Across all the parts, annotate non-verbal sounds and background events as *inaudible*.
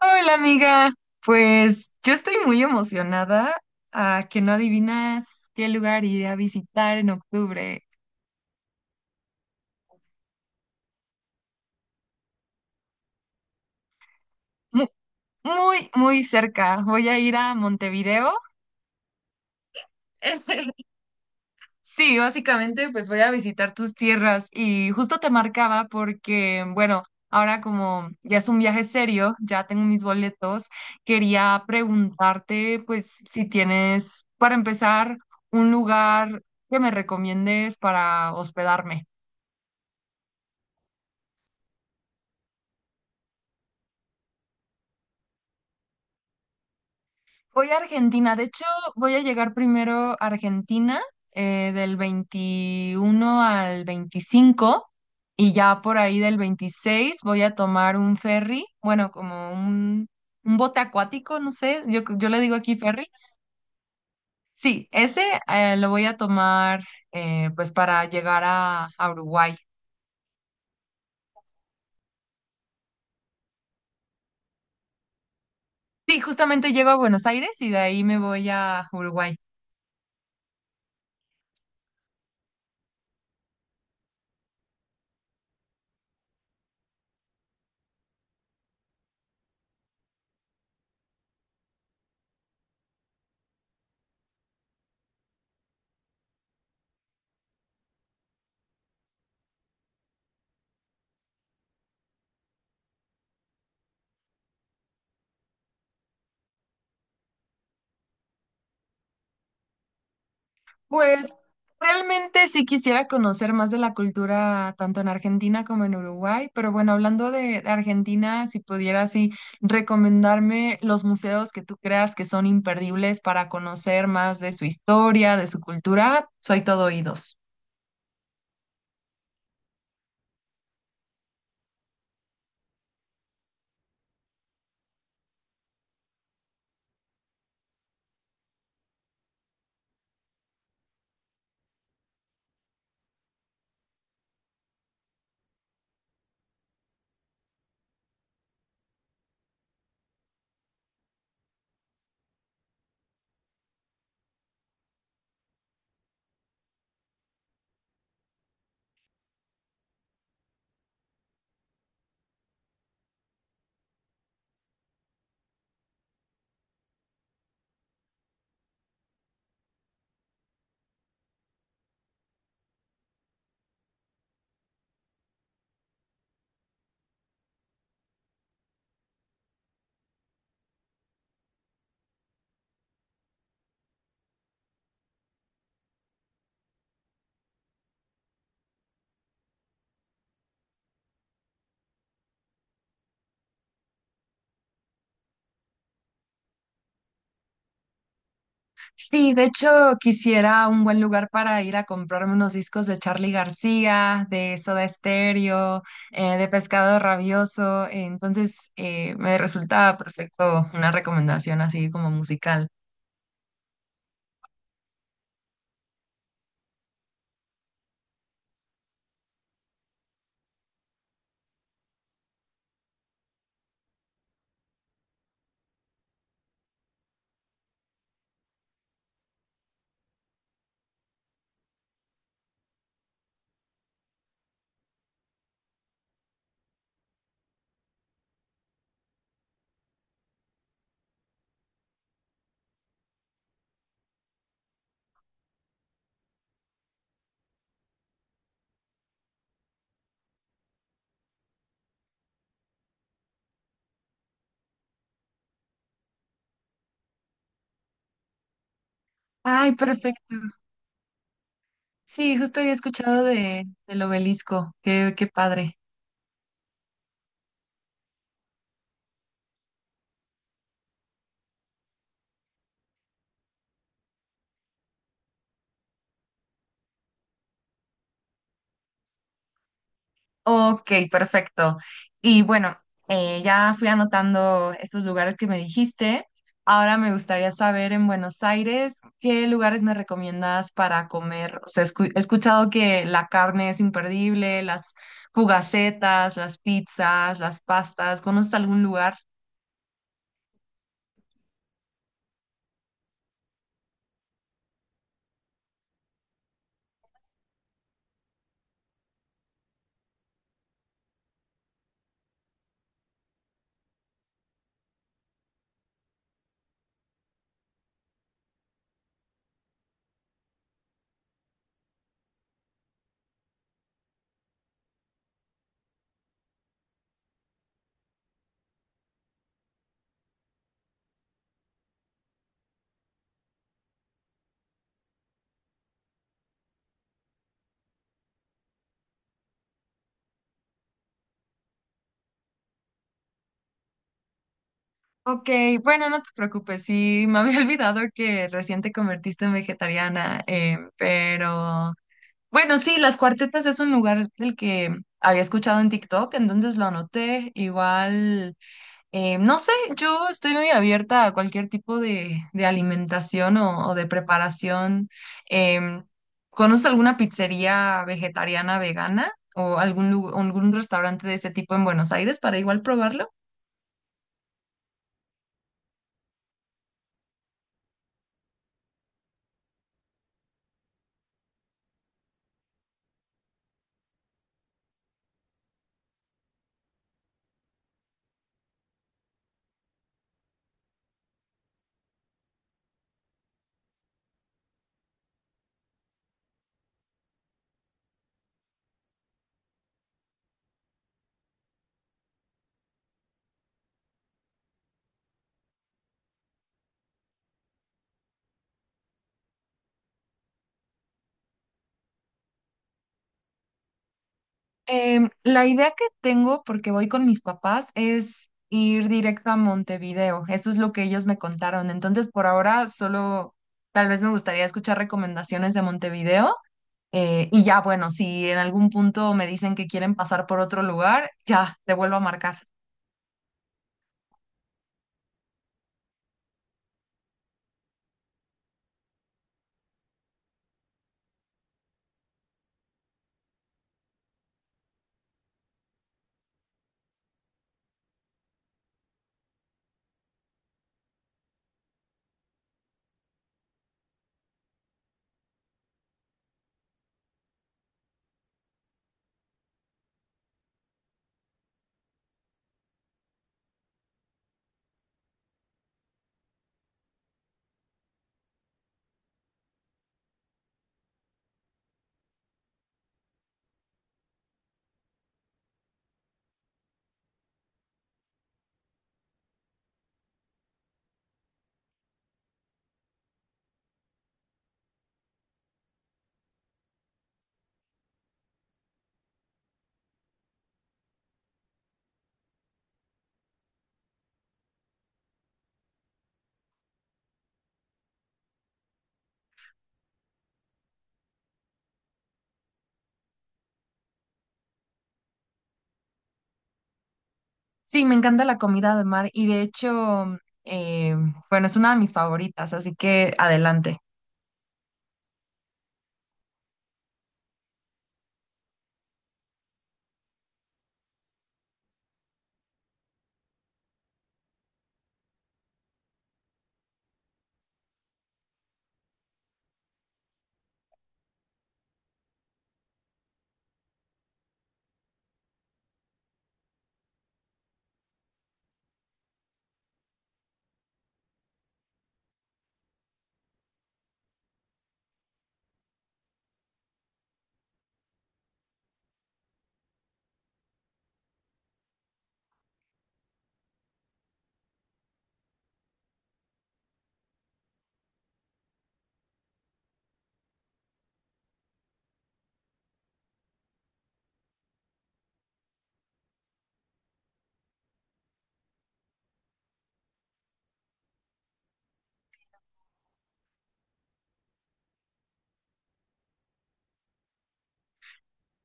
Hola amiga, pues yo estoy muy emocionada a que no adivinas qué lugar iré a visitar en octubre. Mu- Muy, muy cerca. Voy a ir a Montevideo. *laughs* Sí, básicamente pues voy a visitar tus tierras y justo te marcaba porque, bueno, ahora como ya es un viaje serio, ya tengo mis boletos. Quería preguntarte pues si tienes, para empezar, un lugar que me recomiendes para hospedarme. Voy a Argentina. De hecho, voy a llegar primero a Argentina del 21 al 25, y ya por ahí del 26 voy a tomar un ferry, bueno, como un bote acuático, no sé, yo le digo aquí ferry. Sí, ese lo voy a tomar, pues para llegar a Uruguay. Sí, justamente llego a Buenos Aires y de ahí me voy a Uruguay. Pues realmente sí quisiera conocer más de la cultura tanto en Argentina como en Uruguay, pero bueno, hablando de Argentina, si pudieras, sí, recomendarme los museos que tú creas que son imperdibles para conocer más de su historia, de su cultura, soy todo oídos. Sí, de hecho quisiera un buen lugar para ir a comprarme unos discos de Charly García, de Soda Stereo, de Pescado Rabioso. Entonces me resulta perfecto una recomendación así como musical. Ay, perfecto. Sí, justo había escuchado del Obelisco. Qué padre. Ok, perfecto. Y bueno, ya fui anotando estos lugares que me dijiste. Ahora me gustaría saber en Buenos Aires, ¿qué lugares me recomiendas para comer? O sea, he escuchado que la carne es imperdible, las fugacetas, las pizzas, las pastas. ¿Conoces algún lugar? Ok, bueno, no te preocupes, sí, me había *laughs* olvidado que recién te convertiste en vegetariana, pero bueno, sí, Las Cuartetas es un lugar del que había escuchado en TikTok, entonces lo anoté. Igual, no sé, yo estoy muy abierta a cualquier tipo de alimentación o de preparación. Em, ¿Conoces alguna pizzería vegetariana vegana o algún restaurante de ese tipo en Buenos Aires para igual probarlo? Em, la idea que tengo, porque voy con mis papás, es ir directo a Montevideo. Eso es lo que ellos me contaron. Entonces, por ahora, solo tal vez me gustaría escuchar recomendaciones de Montevideo. Y ya, bueno, si en algún punto me dicen que quieren pasar por otro lugar, ya, te vuelvo a marcar. Sí, me encanta la comida de mar y de hecho, bueno, es una de mis favoritas, así que adelante.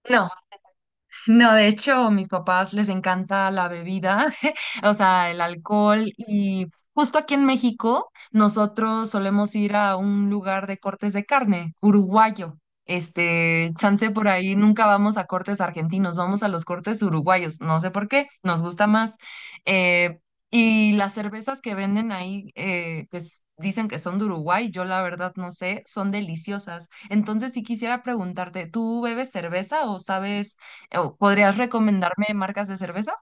No, no, de hecho, mis papás les encanta la bebida, *laughs* o sea, el alcohol. Y justo aquí en México nosotros solemos ir a un lugar de cortes de carne, uruguayo. Este, chance por ahí, nunca vamos a cortes argentinos, vamos a los cortes uruguayos, no sé por qué, nos gusta más. Eh, y las cervezas que venden ahí, que dicen que son de Uruguay, yo la verdad no sé, son deliciosas. Entonces, si quisiera preguntarte, ¿tú bebes cerveza o sabes, o podrías recomendarme marcas de cerveza?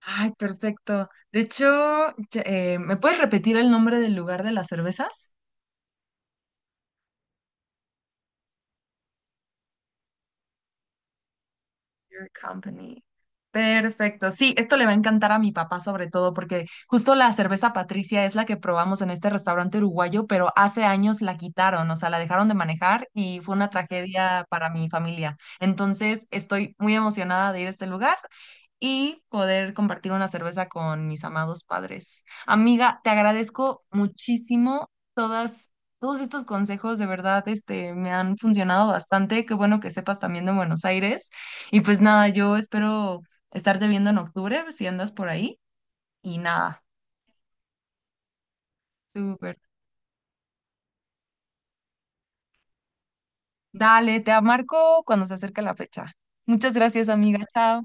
Ay, perfecto. De hecho, ¿me puedes repetir el nombre del lugar de las cervezas? Your Company. Perfecto. Sí, esto le va a encantar a mi papá sobre todo porque justo la cerveza Patricia es la que probamos en este restaurante uruguayo, pero hace años la quitaron, o sea, la dejaron de manejar y fue una tragedia para mi familia. Entonces, estoy muy emocionada de ir a este lugar y poder compartir una cerveza con mis amados padres. Amiga, te agradezco muchísimo todas, todos estos consejos, de verdad, este, me han funcionado bastante. Qué bueno que sepas también de Buenos Aires. Y pues nada, yo espero estarte viendo en octubre, si andas por ahí. Y nada, súper. Dale, te marco cuando se acerque la fecha. Muchas gracias, amiga. Chao.